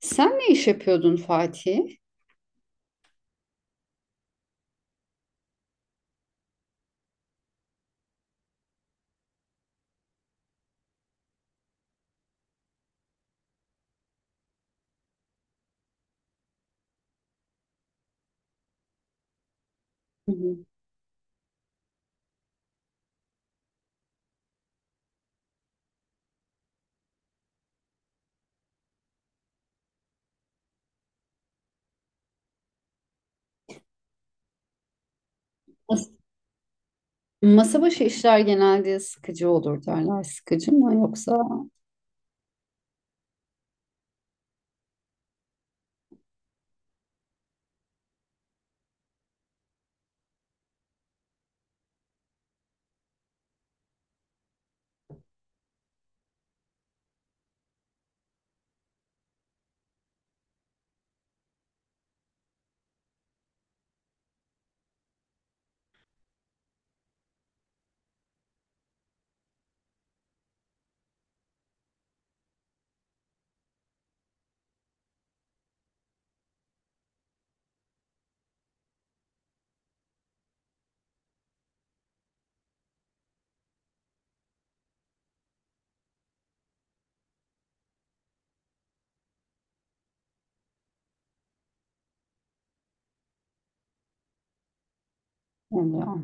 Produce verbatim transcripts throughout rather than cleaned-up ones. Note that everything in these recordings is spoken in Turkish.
Sen ne iş yapıyordun Fatih? Hı hı. Mas- Masa başı işler genelde sıkıcı olur derler. Sıkıcı mı yoksa oluyor.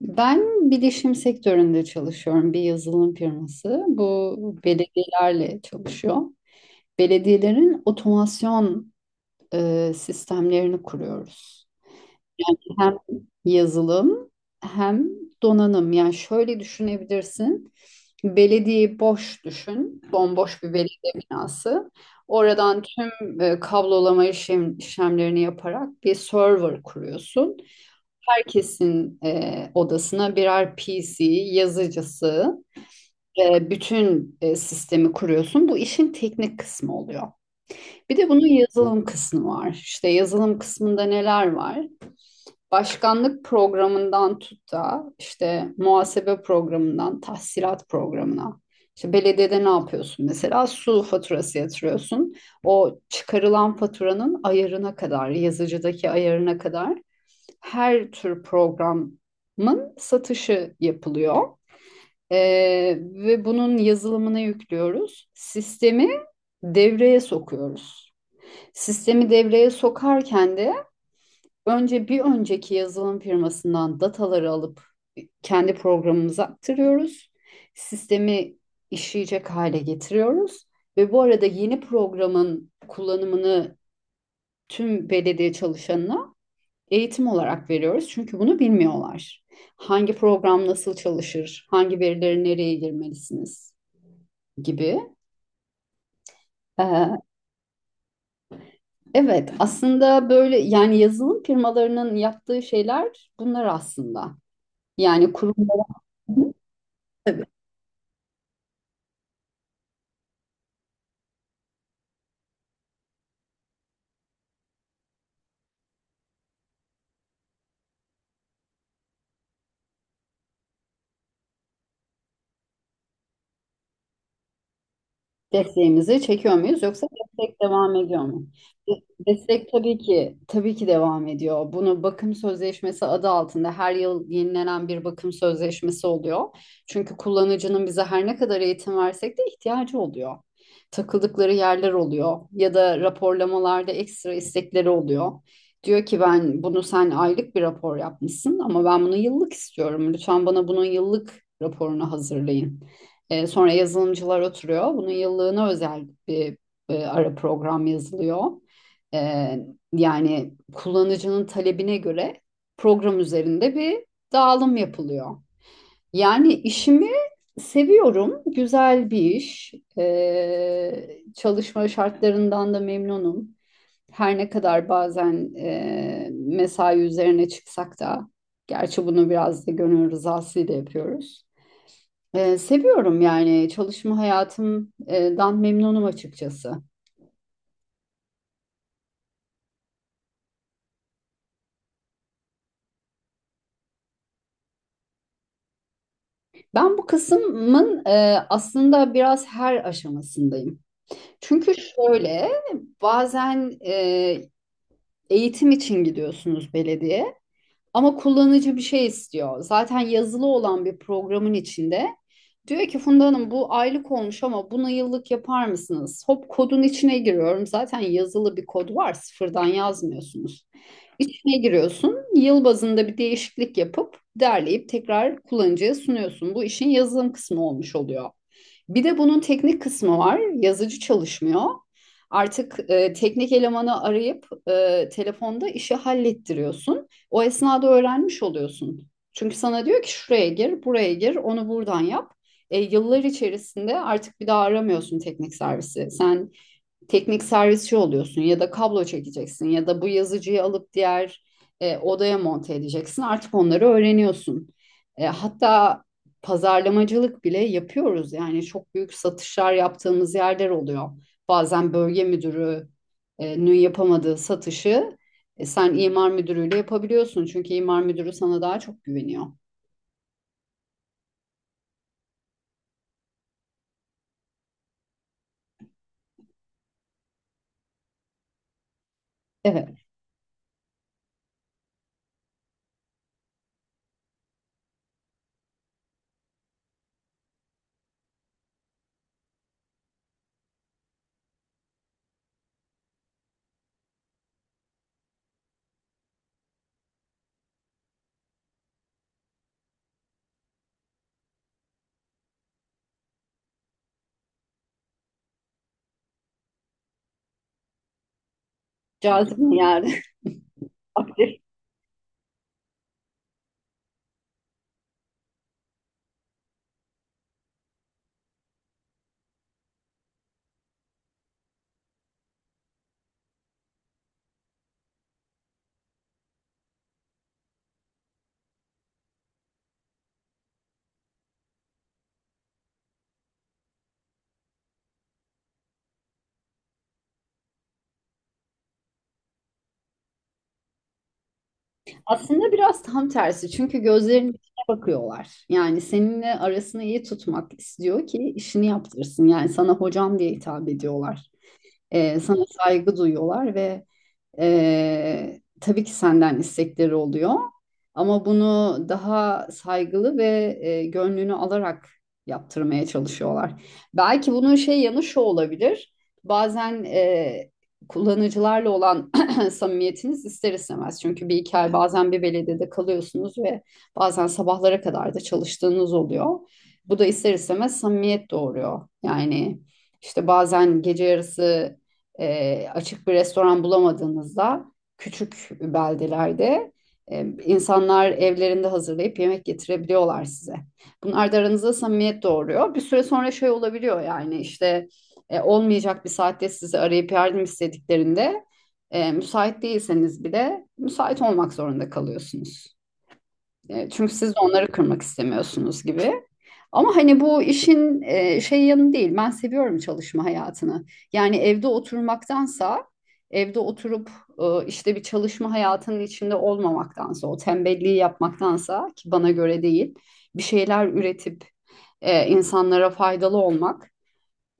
Ben bilişim sektöründe çalışıyorum. Bir yazılım firması. Bu belediyelerle çalışıyor. Belediyelerin otomasyon e, sistemlerini kuruyoruz. Hem yazılım hem donanım. Yani şöyle düşünebilirsin. Belediye boş düşün. Bomboş bir belediye binası. Oradan tüm e, kablolama işlem, işlemlerini yaparak bir server kuruyorsun. Herkesin e, odasına birer P C, yazıcısı ve bütün e, sistemi kuruyorsun. Bu işin teknik kısmı oluyor. Bir de bunun yazılım kısmı var. İşte yazılım kısmında neler var? Başkanlık programından tut da işte muhasebe programından tahsilat programına. İşte belediyede ne yapıyorsun mesela? Su faturası yatırıyorsun. O çıkarılan faturanın ayarına kadar, yazıcıdaki ayarına kadar her tür programın satışı yapılıyor. Ee, ve bunun yazılımını yüklüyoruz. Sistemi devreye sokuyoruz. Sistemi devreye sokarken de önce bir önceki yazılım firmasından dataları alıp kendi programımıza aktarıyoruz. Sistemi işleyecek hale getiriyoruz ve bu arada yeni programın kullanımını tüm belediye çalışanına eğitim olarak veriyoruz. Çünkü bunu bilmiyorlar. Hangi program nasıl çalışır, hangi verileri nereye girmelisiniz gibi. Ee, evet, aslında böyle yani yazılım firmalarının yaptığı şeyler bunlar aslında. Yani kurum desteğimizi çekiyor muyuz yoksa destek devam ediyor mu? De- Destek tabii ki tabii ki devam ediyor. Bunu bakım sözleşmesi adı altında her yıl yenilenen bir bakım sözleşmesi oluyor. Çünkü kullanıcının bize her ne kadar eğitim versek de ihtiyacı oluyor. Takıldıkları yerler oluyor ya da raporlamalarda ekstra istekleri oluyor. Diyor ki ben bunu sen aylık bir rapor yapmışsın ama ben bunu yıllık istiyorum. Lütfen bana bunun yıllık raporunu hazırlayın. E, sonra yazılımcılar oturuyor. Bunun yıllığına özel bir e, ara program yazılıyor. E, yani kullanıcının talebine göre program üzerinde bir dağılım yapılıyor. Yani işimi seviyorum. Güzel bir iş. E, çalışma şartlarından da memnunum. Her ne kadar bazen e, mesai üzerine çıksak da, gerçi bunu biraz da gönül rızasıyla yapıyoruz. Ee, seviyorum yani çalışma hayatımdan memnunum açıkçası. Ben bu kısmın e, aslında biraz her aşamasındayım. Çünkü şöyle bazen e, eğitim için gidiyorsunuz belediye ama kullanıcı bir şey istiyor. Zaten yazılı olan bir programın içinde diyor ki Funda Hanım bu aylık olmuş ama bunu yıllık yapar mısınız? Hop kodun içine giriyorum. Zaten yazılı bir kod var sıfırdan yazmıyorsunuz. İçine giriyorsun. Yıl bazında bir değişiklik yapıp derleyip tekrar kullanıcıya sunuyorsun. Bu işin yazılım kısmı olmuş oluyor. Bir de bunun teknik kısmı var. Yazıcı çalışmıyor. Artık e, teknik elemanı arayıp e, telefonda işi hallettiriyorsun. O esnada öğrenmiş oluyorsun. Çünkü sana diyor ki şuraya gir, buraya gir, onu buradan yap. E, yıllar içerisinde artık bir daha aramıyorsun teknik servisi. Sen teknik servisçi oluyorsun ya da kablo çekeceksin ya da bu yazıcıyı alıp diğer e, odaya monte edeceksin. Artık onları öğreniyorsun. E, hatta pazarlamacılık bile yapıyoruz. Yani çok büyük satışlar yaptığımız yerler oluyor. Bazen bölge müdürünün yapamadığı satışı e, sen imar müdürüyle yapabiliyorsun. Çünkü imar müdürü sana daha çok güveniyor. Evet, cazip bir yer. Aslında biraz tam tersi çünkü gözlerinin içine bakıyorlar. Yani seninle arasını iyi tutmak istiyor ki işini yaptırsın. Yani sana hocam diye hitap ediyorlar. Ee, sana saygı duyuyorlar ve ee, tabii ki senden istekleri oluyor ama bunu daha saygılı ve e, gönlünü alarak yaptırmaya çalışıyorlar. Belki bunun şey yanı şu olabilir. Bazen e, kullanıcılarla olan samimiyetiniz ister istemez. Çünkü bir iki ay bazen bir belediyede kalıyorsunuz ve bazen sabahlara kadar da çalıştığınız oluyor. Bu da ister istemez samimiyet doğuruyor. Yani işte bazen gece yarısı e, açık bir restoran bulamadığınızda küçük beldelerde e, insanlar evlerinde hazırlayıp yemek getirebiliyorlar size. Bunlar da aranızda samimiyet doğuruyor. Bir süre sonra şey olabiliyor yani işte e, olmayacak bir saatte sizi arayıp yardım istediklerinde e, müsait değilseniz bile müsait olmak zorunda kalıyorsunuz. E, Çünkü siz de onları kırmak istemiyorsunuz gibi. Ama hani bu işin e, şey yanı değil. Ben seviyorum çalışma hayatını. Yani evde oturmaktansa evde oturup e, işte bir çalışma hayatının içinde olmamaktansa o tembelliği yapmaktansa ki bana göre değil bir şeyler üretip e, insanlara faydalı olmak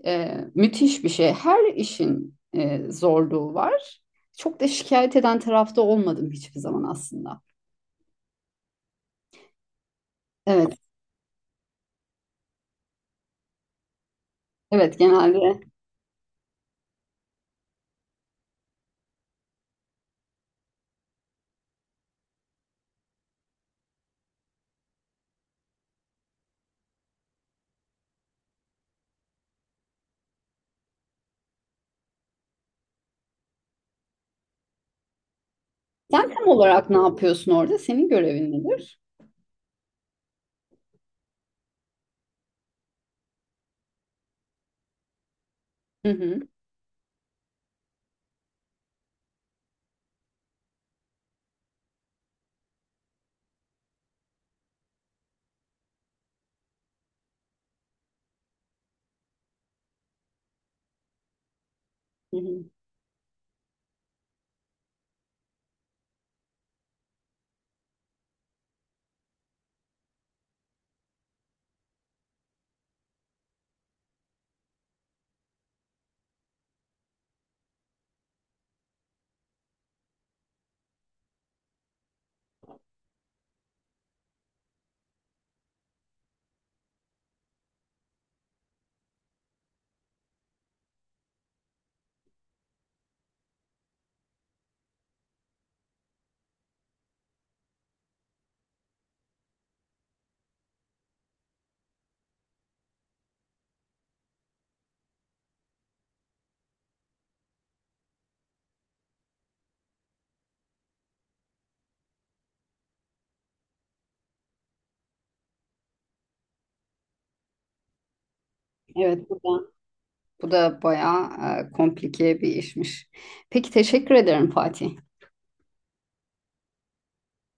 e, müthiş bir şey. Her işin e, zorluğu var. Çok da şikayet eden tarafta olmadım hiçbir zaman aslında. Evet, evet genelde sen tam olarak ne yapıyorsun orada? Senin görevin nedir? Hı hı. Hı hı. Evet, bu da, bu da bayağı e, komplike bir işmiş. Peki teşekkür ederim Fatih.